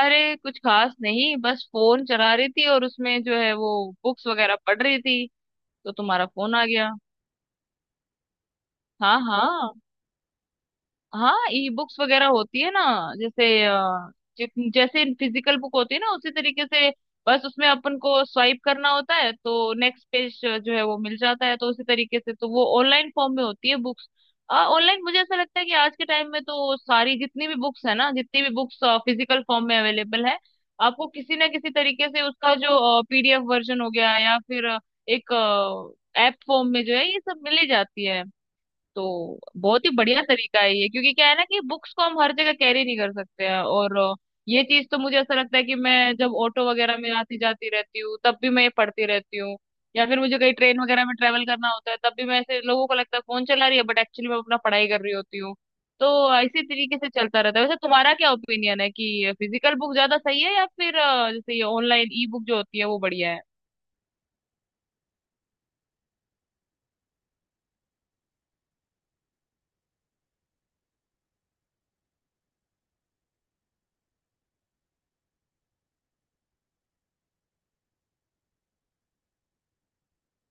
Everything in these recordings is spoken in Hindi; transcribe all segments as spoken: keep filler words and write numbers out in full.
अरे कुछ खास नहीं, बस फोन चला रही थी और उसमें जो है वो बुक्स वगैरह पढ़ रही थी तो तुम्हारा फोन आ गया। हाँ, हाँ। हाँ, ई बुक्स वगैरह होती है ना। जैसे अ, जित- जैसे फिजिकल बुक होती है ना उसी तरीके से, बस उसमें अपन को स्वाइप करना होता है तो नेक्स्ट पेज जो है वो मिल जाता है, तो उसी तरीके से तो वो ऑनलाइन फॉर्म में होती है बुक्स। ऑनलाइन, मुझे ऐसा लगता है कि आज के टाइम में तो सारी, जितनी भी बुक्स है ना, जितनी भी बुक्स फिजिकल फॉर्म में अवेलेबल है, आपको किसी ना किसी तरीके से उसका जो पी डी एफ वर्जन हो गया, या फिर अ, एक ऐप फॉर्म में जो है, ये सब मिल ही जाती है। तो बहुत ही बढ़िया तरीका है ये, क्योंकि क्या है ना कि बुक्स को हम हर जगह कैरी नहीं कर सकते हैं। और अ, ये चीज तो मुझे ऐसा लगता है कि मैं जब ऑटो वगैरह में आती जाती रहती हूँ तब भी मैं ये पढ़ती रहती हूँ। या फिर मुझे कहीं ट्रेन वगैरह में ट्रेवल करना होता है, तब भी मैं, ऐसे लोगों को लगता है फोन चला रही है, बट एक्चुअली मैं अपना पढ़ाई कर रही होती हूँ। तो इसी तरीके से चलता रहता है। वैसे तुम्हारा क्या ओपिनियन है कि फिजिकल बुक ज्यादा सही है या फिर अ, जैसे ये ऑनलाइन ई बुक जो होती है वो बढ़िया है?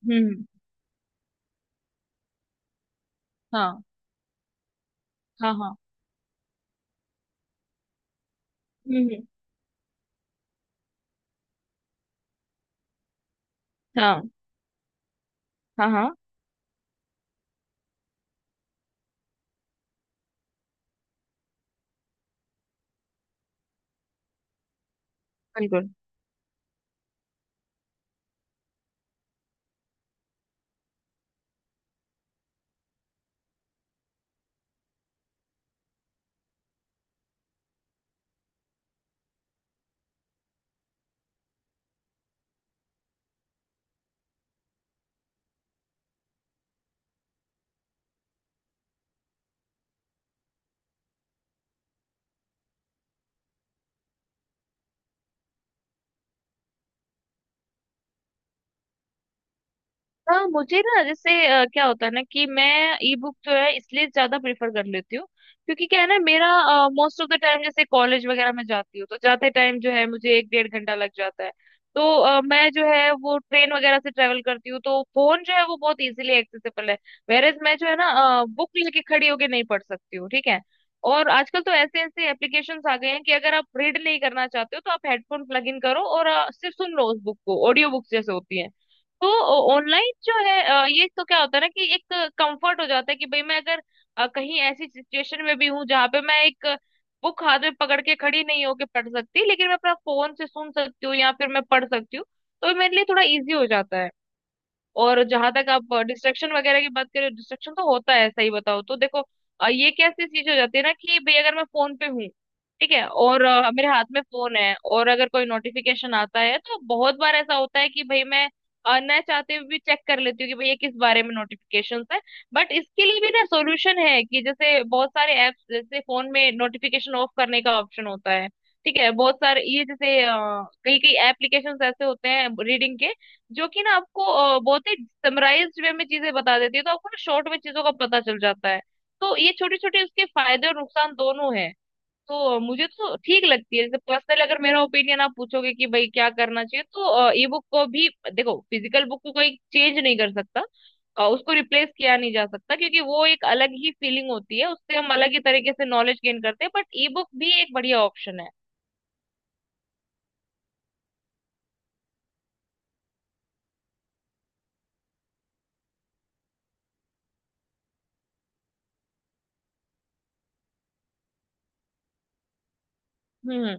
हम्म। हाँ, हाँ, हाँ। हम्म, हम्म। हाँ, हाँ, हाँ। बिल्कुल। हाँ, मुझे ना, जैसे अ, क्या होता है ना कि मैं ई बुक जो है इसलिए ज्यादा प्रेफर कर लेती हूँ, क्योंकि क्या है ना, मेरा मोस्ट ऑफ द टाइम जैसे कॉलेज वगैरह में जाती हूँ तो जाते टाइम जो है मुझे एक डेढ़ घंटा लग जाता है। तो अ, मैं जो है वो ट्रेन वगैरह से ट्रेवल करती हूँ तो फोन जो है वो बहुत इजीली एक्सेसिबल है। वेरेज मैं जो है ना, बुक लेके खड़ी होके नहीं पढ़ सकती हूँ, ठीक है। और आजकल तो ऐसे ऐसे एप्लीकेशंस आ गए हैं कि अगर आप रीड नहीं करना चाहते हो तो आप हेडफोन प्लग इन करो और अ, सिर्फ सुन लो उस बुक को, ऑडियो बुक्स जैसे होती है। तो ऑनलाइन जो है, अ, ये तो क्या होता है ना कि एक कंफर्ट हो जाता है कि भाई मैं अगर अ, कहीं ऐसी सिचुएशन में भी हूँ जहाँ पे मैं एक बुक हाथ में पकड़ के खड़ी नहीं होके पढ़ सकती, लेकिन मैं अपना फोन से सुन सकती हूँ या फिर मैं पढ़ सकती हूँ। तो ये मेरे लिए थोड़ा इजी हो जाता है। और जहां तक आप डिस्ट्रक्शन वगैरह की बात करें, डिस्ट्रक्शन तो होता है, सही बताओ तो देखो, अ, ये कैसी चीज हो जाती है ना कि भाई अगर मैं फोन पे हूँ, ठीक है, और अ, मेरे हाथ में फोन है और अगर कोई नोटिफिकेशन आता है तो बहुत बार ऐसा होता है कि भाई मैं अ, न चाहते हुए भी चेक कर लेती हूँ कि भाई ये किस बारे में नोटिफिकेशन है। बट इसके लिए भी ना सोल्यूशन है कि जैसे बहुत सारे ऐप्स, जैसे फोन में नोटिफिकेशन ऑफ करने का ऑप्शन होता है, ठीक है। बहुत सारे ये जैसे अ, कई कई एप्लीकेशंस ऐसे होते हैं रीडिंग के, जो कि ना आपको अ, बहुत ही समराइज्ड वे में चीजें बता देती है, तो आपको ना शॉर्ट में चीजों का पता चल जाता है। तो ये छोटे छोटे उसके फायदे और नुकसान दोनों हैं। तो अ, मुझे तो ठीक लगती है। जैसे पर्सनल, अगर मेरा ओपिनियन आप पूछोगे कि भाई क्या करना चाहिए, तो ई बुक को भी, देखो, फिजिकल बुक को कोई चेंज नहीं कर सकता, अ, उसको रिप्लेस किया नहीं जा सकता, क्योंकि वो एक अलग ही फीलिंग होती है, उससे हम अलग ही तरीके से नॉलेज गेन करते हैं, बट ई बुक भी एक बढ़िया ऑप्शन है। हम्म।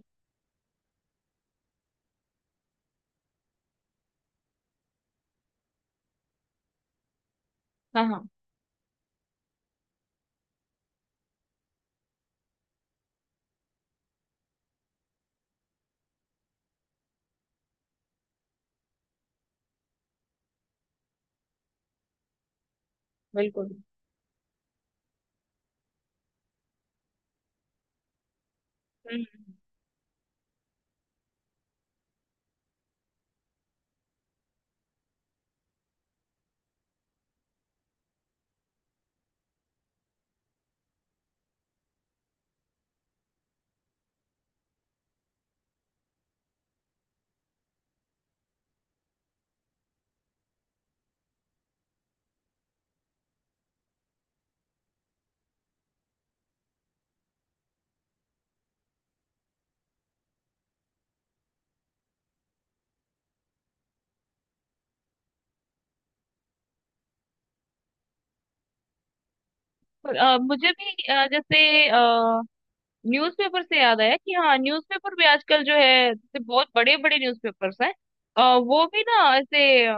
हाँ, हाँ। बिल्कुल। हम्म। अ, मुझे भी अ, जैसे अ, न्यूज़पेपर से याद आया कि हाँ, न्यूज़पेपर भी आजकल जो है, जैसे बहुत बड़े बड़े न्यूज़पेपर्स हैं, अ, वो भी ना ऐसे अ,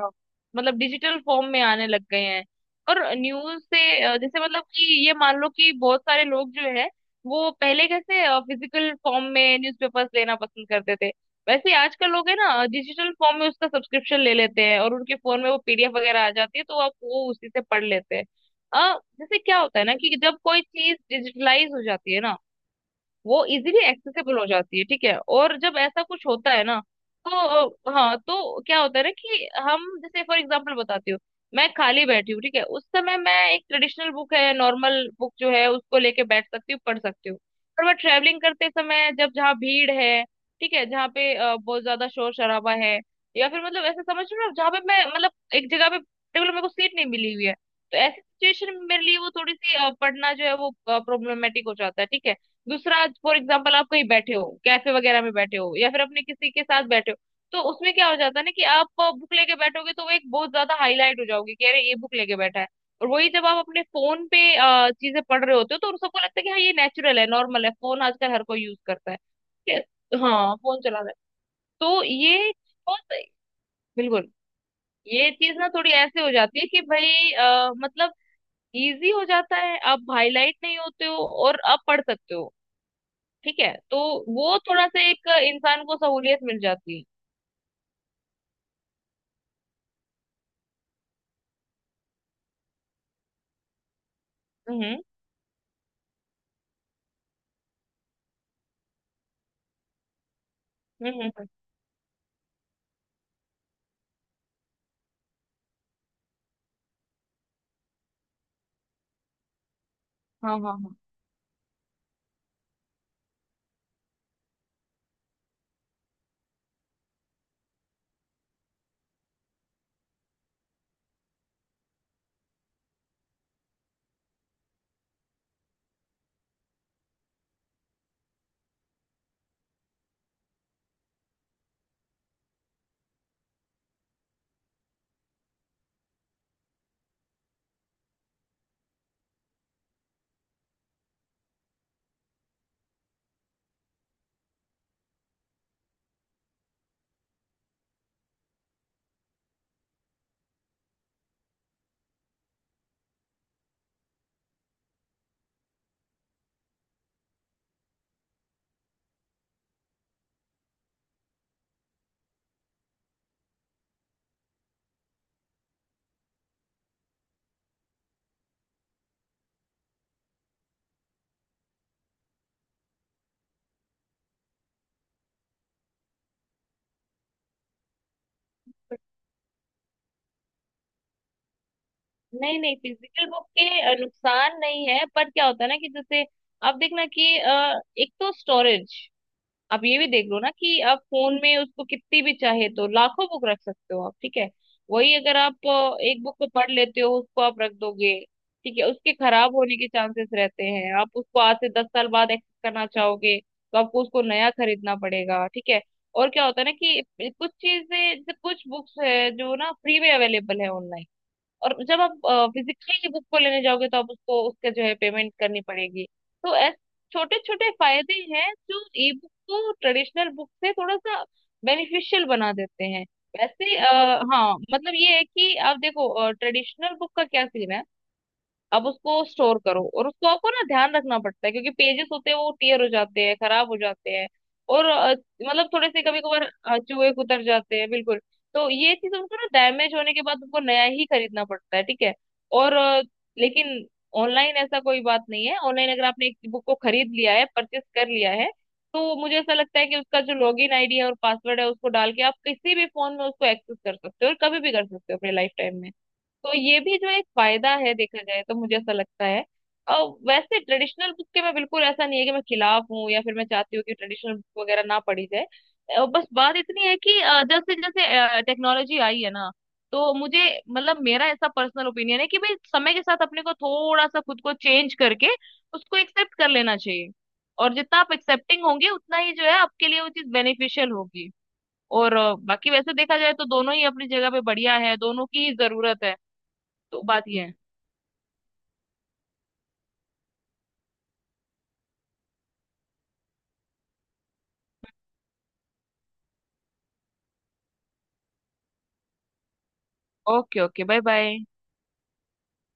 मतलब डिजिटल फॉर्म में आने लग गए हैं। और न्यूज़ से अ, जैसे मतलब कि ये मान लो कि बहुत सारे लोग जो है, वो पहले कैसे फिजिकल फॉर्म में न्यूज़पेपर्स लेना पसंद करते थे, वैसे ही आजकल लोग है ना डिजिटल फॉर्म में उसका सब्सक्रिप्शन ले लेते हैं और उनके फोन में वो पी डी एफ वगैरह आ जाती है, तो आप वो उसी से पढ़ लेते हैं। अ, जैसे क्या होता है ना कि जब कोई चीज डिजिटलाइज हो जाती है ना, वो इजीली एक्सेसिबल हो जाती है, ठीक है। और जब ऐसा कुछ होता है ना, तो अ, हाँ, तो क्या होता है ना कि हम जैसे, फॉर एग्जांपल बताती हूँ। मैं खाली बैठी हूँ, ठीक है, उस समय मैं एक ट्रेडिशनल बुक है, नॉर्मल बुक जो है, उसको लेके बैठ सकती हूँ, पढ़ सकती हूँ। पर मैं ट्रेवलिंग करते समय, जब जहाँ भीड़ है, ठीक है, जहाँ पे अ, बहुत ज्यादा शोर शराबा है, या फिर मतलब ऐसा समझ लो ना जहाँ पे मैं, मतलब एक जगह पे टेबल मेरे को सीट नहीं मिली हुई है, तो ऐसी सिचुएशन में मेरे लिए वो थोड़ी सी अ, पढ़ना जो है वो प्रॉब्लमेटिक हो जाता है, ठीक है। दूसरा, फॉर एग्जाम्पल, आप कहीं बैठे हो, कैफे वगैरह में बैठे हो, या फिर अपने किसी के साथ बैठे हो, तो उसमें क्या हो जाता है ना कि आप बुक लेके बैठोगे तो वो एक बहुत ज्यादा हाईलाइट हो जाओगे कि अरे ये बुक लेके बैठा है। और वही जब आप अपने फोन पे अ, चीजें पढ़ रहे होते हो तो उन सबको लगता है कि हाँ, ये नेचुरल है, नॉर्मल है, फोन आजकल हर कोई यूज करता है। ये- हाँ, फोन चला रहा है। तो ये बहुत- बिल्कुल, ये चीज ना थोड़ी ऐसे हो जाती है कि भाई अ, मतलब इजी हो जाता है, आप हाईलाइट नहीं होते हो और आप पढ़ सकते हो, ठीक है। तो वो थोड़ा सा एक इंसान को सहूलियत मिल जाती है। हम्म, हम्म, हम्म। हाँ, हाँ, हाँ। नहीं, नहीं, फिजिकल बुक के अ, नुकसान नहीं है, पर क्या होता है ना कि जैसे आप देखना कि अ, एक तो स्टोरेज, आप ये भी देख लो ना कि आप फोन में उसको कितनी भी चाहे तो लाखों बुक रख सकते हो आप, ठीक है। वही अगर आप अ, एक बुक को पढ़ लेते हो, उसको आप रख दोगे, ठीक है, उसके खराब होने के चांसेस रहते हैं, आप उसको आज से दस साल बाद एक्सेस करना चाहोगे तो आपको उसको नया खरीदना पड़ेगा, ठीक है। और क्या होता है ना कि कुछ चीजें, जैसे कुछ बुक्स है जो ना फ्री में अवेलेबल है ऑनलाइन, और जब आप फिजिकली ही बुक को लेने जाओगे तो आप उसको उसके जो है पेमेंट करनी पड़ेगी। तो ऐसे छोटे छोटे फायदे हैं जो ई बुक को ट्रेडिशनल बुक से थोड़ा सा बेनिफिशियल बना देते हैं। वैसे आ, हाँ, मतलब ये है कि आप देखो ट्रेडिशनल बुक का क्या सीन है, अब उसको स्टोर करो और उसको आपको ना ध्यान रखना पड़ता है, क्योंकि पेजेस होते हैं, वो टीयर हो जाते हैं, खराब हो जाते हैं। और अ, मतलब थोड़े से कभी कभार अ, चूहे कुतर जाते हैं, बिल्कुल। तो ये चीज उनको ना डैमेज होने के बाद उनको नया ही खरीदना पड़ता है, ठीक है। और अ, लेकिन ऑनलाइन ऐसा कोई बात नहीं है, ऑनलाइन अगर आपने एक बुक को खरीद लिया है, परचेस कर लिया है, तो मुझे ऐसा लगता है कि उसका जो लॉगिन आई डी है और पासवर्ड है उसको डाल के आप किसी भी फोन में उसको एक्सेस कर सकते हो, और कभी भी कर सकते हो अपने लाइफ टाइम में। तो ये भी जो एक फायदा है, देखा जाए तो, मुझे ऐसा लगता है। और वैसे ट्रेडिशनल बुक के, मैं बिल्कुल ऐसा नहीं है कि मैं खिलाफ हूँ या फिर मैं चाहती हूँ कि ट्रेडिशनल बुक वगैरह ना पढ़ी जाए। अ, बस बात इतनी है कि अ, जैसे जैसे टेक्नोलॉजी आई है ना, तो मुझे, मतलब मेरा ऐसा पर्सनल ओपिनियन है कि भाई समय के साथ अपने को थोड़ा सा खुद को चेंज करके उसको एक्सेप्ट कर लेना चाहिए। और जितना आप एक्सेप्टिंग होंगे उतना ही जो है आपके लिए वो चीज बेनिफिशियल होगी। और अ, बाकी वैसे देखा जाए तो दोनों ही अपनी जगह पे बढ़िया है, दोनों की ही जरूरत है। तो बात ये है। Okay, okay. Bye, bye.